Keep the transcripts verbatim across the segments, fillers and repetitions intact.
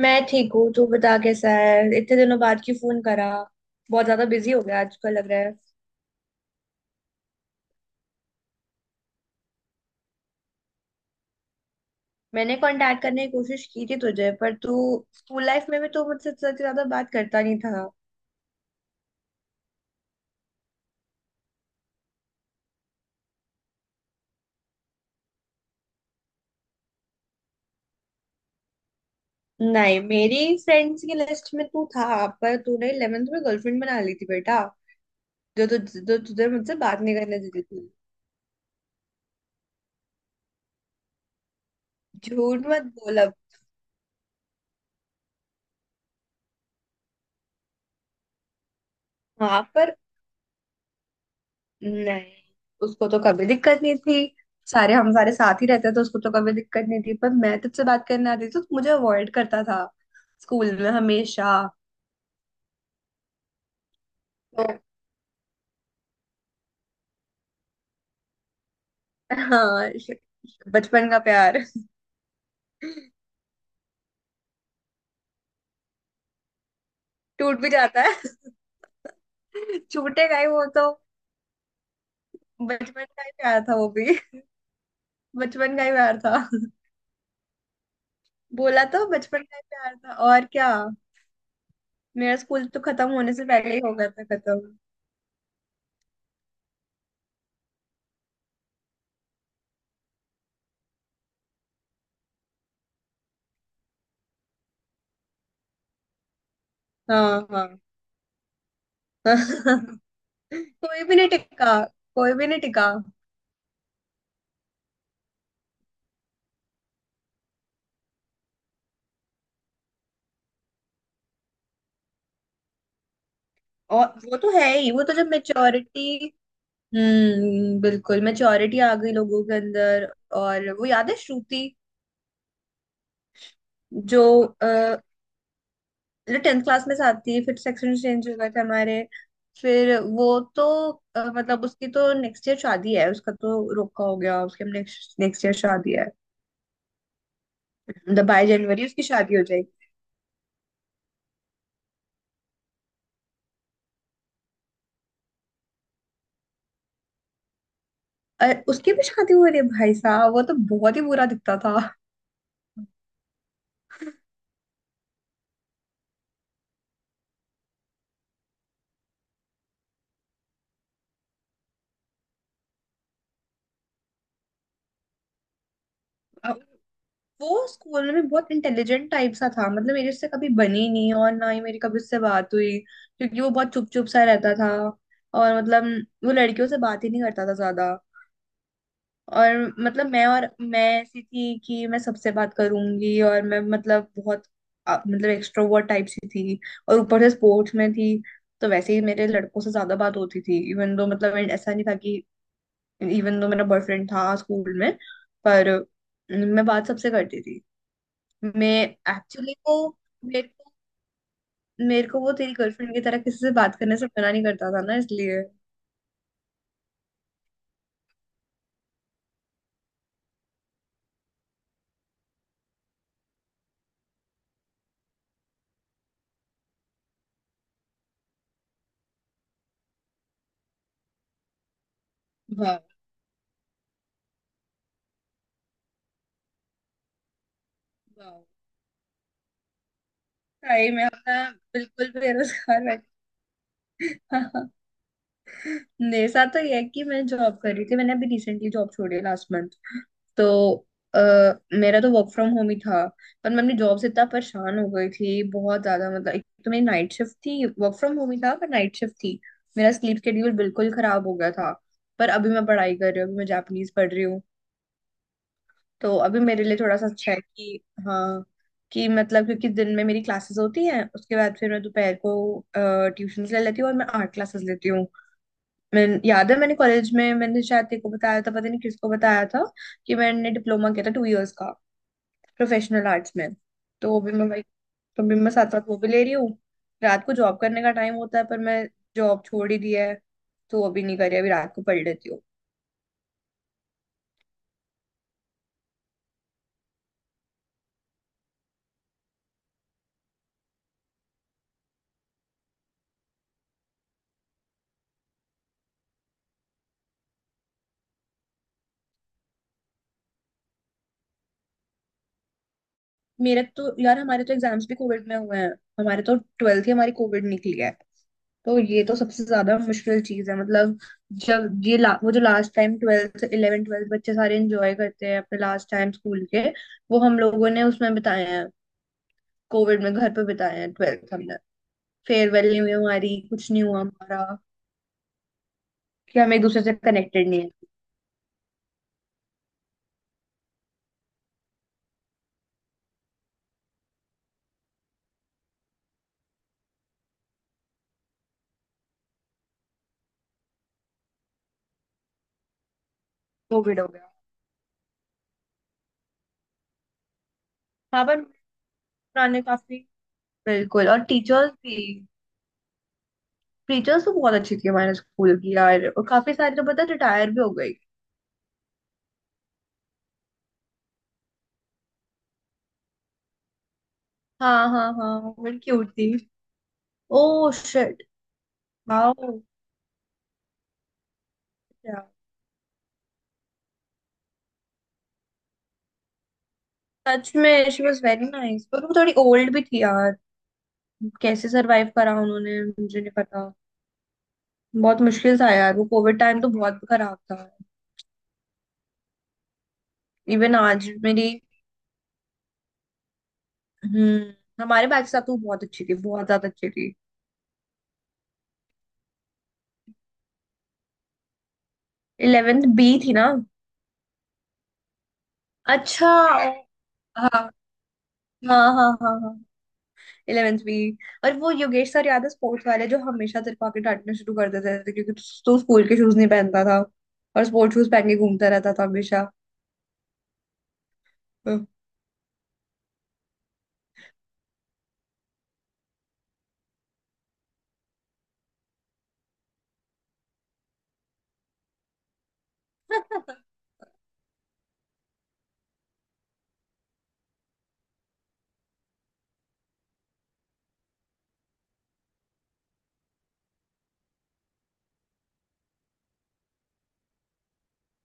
मैं ठीक हूँ। तू बता कैसा है, इतने दिनों बाद क्यों फोन करा? बहुत ज्यादा बिजी हो गया आजकल लग रहा है। मैंने कांटेक्ट करने की कोशिश की थी तुझे, पर तू स्कूल लाइफ में भी तू मुझसे इतना ज्यादा बात करता नहीं था। नहीं, मेरी फ्रेंड्स की लिस्ट में तू था, पर तूने इलेवंथ में गर्लफ्रेंड बना ली थी बेटा। जो तुझ जो तुझे मुझसे बात नहीं करने देती थी। झूठ मत बोल अब। हाँ पर नहीं, उसको तो कभी दिक्कत नहीं थी। सारे हम सारे साथ ही रहते तो उसको तो कभी दिक्कत नहीं थी, पर मैं तुझसे बात करने आती थी तो मुझे अवॉइड करता था स्कूल में हमेशा। तो हाँ श- बचपन का प्यार। टूट भी जाता है। छूटेगा ही वो तो। बचपन का ही प्यार था वो भी। बचपन का ही प्यार था। बोला तो, बचपन का ही प्यार था और क्या। मेरा स्कूल तो खत्म होने से पहले ही हो गया था खत्म। हाँ हाँ। कोई भी नहीं टिका। कोई भी नहीं टिका। और वो तो है ही, वो तो जब मेच्योरिटी, हम्म, बिल्कुल मेच्योरिटी आ गई लोगों के अंदर। और वो याद है श्रुति जो टेंथ क्लास में साथ थी, फिर सेक्शन चेंज हो गए थे हमारे, फिर वो तो अ, मतलब उसकी तो नेक्स्ट ईयर शादी है, उसका तो रोका हो गया, उसके नेक्स्ट नेक्स्ट ईयर शादी है। मतलब बाईस जनवरी उसकी शादी हो जाएगी। अ, उसकी भी शादी हो रही है भाई साहब। वो तो बहुत ही बुरा दिखता था। वो स्कूल में बहुत इंटेलिजेंट टाइप सा था, मतलब मेरे उससे कभी बनी नहीं और ना ही मेरी कभी उससे बात हुई क्योंकि वो बहुत चुप चुप सा रहता था। और मतलब वो लड़कियों से बात ही नहीं करता था ज्यादा। और मतलब मैं और मैं ऐसी थी कि मैं सबसे बात करूंगी और मैं मतलब बहुत, अ, मतलब एक्सट्रोवर्ट टाइप सी थी। और ऊपर से स्पोर्ट्स में थी, तो वैसे ही मेरे लड़कों से ज्यादा बात होती थी। इवन दो मतलब ऐसा नहीं था कि, इवन दो मेरा बॉयफ्रेंड था स्कूल में, पर मैं बात सबसे करती थी। मैं एक्चुअली को मेरे को मेरे को वो तेरी गर्लफ्रेंड की तरह किसी से बात करने से मना नहीं करता था ना, इसलिए। वाह। वाह, सही में अपना बिल्कुल बेरोजगार बैठ। मेरे साथ तो ये है कि मैं जॉब कर रही थी, मैंने अभी रिसेंटली जॉब छोड़ी लास्ट मंथ। तो आ, मेरा तो वर्क फ्रॉम होम ही था, पर मैं अपनी जॉब से इतना परेशान हो गई थी बहुत ज्यादा। मतलब एक तो मेरी नाइट शिफ्ट थी, वर्क फ्रॉम होम ही था पर नाइट शिफ्ट थी। मेरा स्लीप शेड्यूल बिल्कुल खराब हो गया था। पर अभी मैं पढ़ाई कर रही हूँ, अभी मैं जापानीज पढ़ रही हूँ। तो अभी मेरे लिए थोड़ा सा अच्छा है। अच्छा कि हाँ कि मतलब क्योंकि दिन में मेरी क्लासेस होती हैं, उसके बाद फिर मैं दोपहर को ट्यूशन ले लेती हूँ और मैं आर्ट क्लासेस लेती हूँ। मैं, याद है मैंने कॉलेज में मैंने शायद तेरे को बताया था, पता नहीं किसको बताया था, कि मैंने डिप्लोमा किया था टू इयर्स का प्रोफेशनल आर्ट्स में। तो वो भी मैं भाई, तो भी मैं साथ साथ वो भी ले रही हूँ। रात को जॉब करने का टाइम होता है, पर मैं जॉब छोड़ ही दिया है, तो वो भी नहीं करी अभी, रात को पढ़ लेती हूँ। मेरे तो यार हमारे तो एग्जाम्स भी कोविड में हुए हैं। हमारे तो ट्वेल्थ ही हमारी कोविड निकली है। तो ये तो सबसे ज्यादा मुश्किल चीज है। मतलब जब ये ला, वो जो last time twelfth, eleven twelfth बच्चे सारे एंजॉय करते हैं अपने लास्ट टाइम स्कूल के, वो हम लोगों ने उसमें बिताए हैं, कोविड में घर पे बिताए हैं ट्वेल्थ हमने। फेयरवेल नहीं हुई हमारी, कुछ नहीं हुआ हमारा। कि हम एक दूसरे से कनेक्टेड नहीं है। कोविड हो गया। हाँ पर पुराने काफी, बिल्कुल। और टीचर्स भी, टीचर्स तो बहुत अच्छी थी हमारे स्कूल की यार, और काफी सारी तो पता रिटायर भी हो गई। हाँ हाँ हाँ, बड़ी क्यूट थी। Oh shit. वाओ। सच में, शी वॉज वेरी नाइस, पर वो थोड़ी ओल्ड भी थी यार। कैसे सरवाइव करा उन्होंने मुझे नहीं पता। बहुत मुश्किल था यार वो कोविड टाइम तो बहुत खराब था। इवन आज मेरी, हम्म, हमारे बैच साथ तो बहुत अच्छी थी, बहुत ज्यादा अच्छी थी। इलेवंथ बी थी ना? अच्छा, हाँ हाँ हाँ हाँ हाँ, इलेवंथ बी। और वो योगेश सर याद है स्पोर्ट्स वाले, जो हमेशा तेरे को आके डांटना शुरू कर देते थे क्योंकि तू स्कूल के शूज नहीं पहनता था और स्पोर्ट्स शूज पहन के घूमता रहता था हमेशा।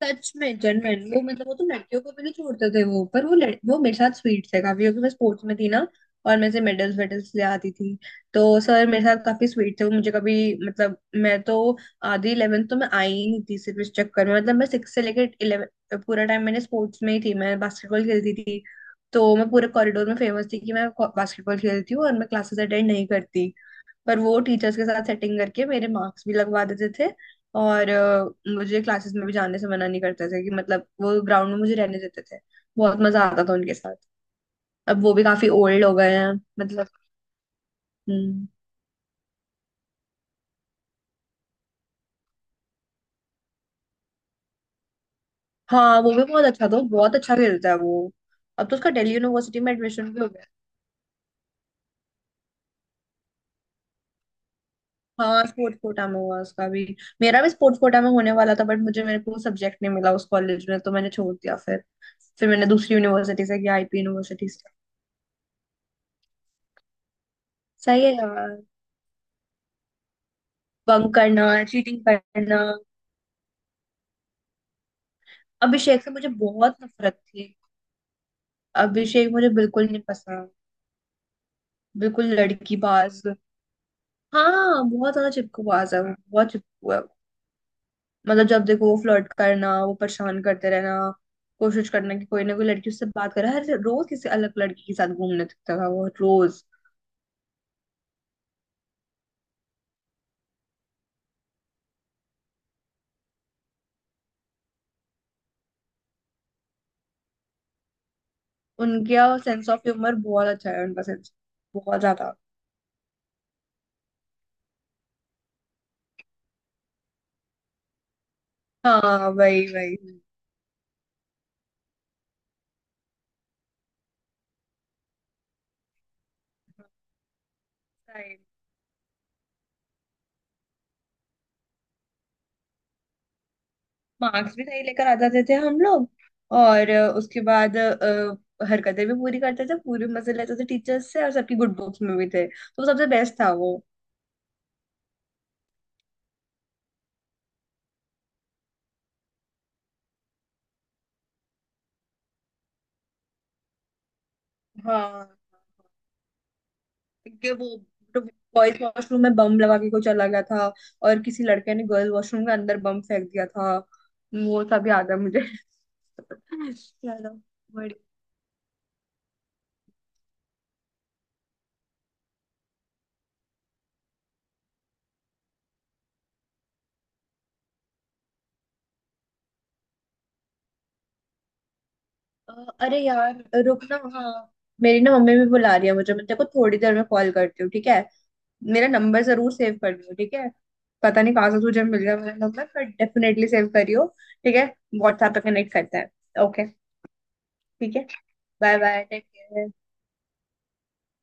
सच में जनरल वो, मतलब वो तो लड़कियों को भी नहीं छोड़ते थे वो, पर वो लड़, वो मेरे साथ स्वीट थे काफी क्योंकि मैं स्पोर्ट्स में थी ना। और मैं से मेडल्स वेडल्स ले आती थी। तो सर मेरे साथ काफी स्वीट थे, वो मुझे कभी मतलब, मैं तो आधी इलेवेंथ तो मैं आई ही नहीं थी सिर्फ इस चक्कर में। मतलब मैं सिक्स से लेकर इलेवन पूरा टाइम मैंने स्पोर्ट्स में ही थी, मैं बास्केटबॉल खेलती थी। तो मैं पूरे कॉरिडोर में फेमस थी कि मैं बास्केटबॉल खेलती हूँ और मैं क्लासेस अटेंड नहीं करती। पर वो टीचर्स के साथ सेटिंग करके मेरे मार्क्स भी लगवा देते थे। और अ, मुझे क्लासेस में भी जाने से मना नहीं करते थे। कि मतलब वो ग्राउंड में मुझे रहने देते थे। बहुत मजा आता था उनके साथ। अब वो भी काफी ओल्ड हो गए हैं मतलब। हम्म। हाँ वो भी बहुत अच्छा था, वो बहुत अच्छा खेलता है वो। अब तो उसका दिल्ली यूनिवर्सिटी में एडमिशन भी हो गया। हाँ, स्पोर्ट्स कोटा में हुआ उसका भी। मेरा भी स्पोर्ट्स कोटा में होने वाला था, बट मुझे मेरे को सब्जेक्ट नहीं मिला उस कॉलेज में, तो मैंने छोड़ दिया फिर। फिर मैंने दूसरी यूनिवर्सिटी से किया, आईपी यूनिवर्सिटी से। सही है यार। बंक करना, चीटिंग करना। अभिषेक से मुझे बहुत नफरत थी। अभिषेक मुझे बिल्कुल नहीं पसंद। बिल्कुल लड़की बाज। हाँ बहुत ज्यादा चिपकूबाज है वो, बहुत चिपकू है वो। मतलब जब देखो वो फ्लर्ट करना, वो परेशान करते रहना, कोशिश करना कि कोई ना कोई लड़की उससे बात करे। हर रोज किसी अलग लड़की के साथ घूमने दिखता था वो रोज। उनका सेंस ऑफ ह्यूमर बहुत अच्छा है, उनका सेंस बहुत ज्यादा। हाँ वही वही। मार्क्स भी सही लेकर आ जाते थे हम लोग। और अ, उसके बाद अ, हरकतें भी पूरी करते थे, पूरे मजे लेते थे टीचर्स से, और सबकी गुड बुक्स में भी थे, तो सबसे बेस्ट था वो। हाँ क्योंकि वो बॉयज वॉशरूम में बम लगा के कोई चला गया था, और किसी लड़के ने गर्ल वॉशरूम के अंदर बम फेंक दिया था, वो सब याद है मुझे। चलो, बढ़िया। अ, अरे यार रुक ना, हाँ। मेरी ना मम्मी भी बुला रही है मुझे, मैं तेरे को थोड़ी देर में कॉल करती हूँ, ठीक है? मेरा नंबर जरूर सेव कर लियो, ठीक है? पता नहीं कहाँ से तुझे मिल गया मेरा नंबर, पर डेफिनेटली सेव करियो। ठीक है। व्हाट्सएप पे कनेक्ट करते हैं, ओके? ठीक है। Bye bye, take care.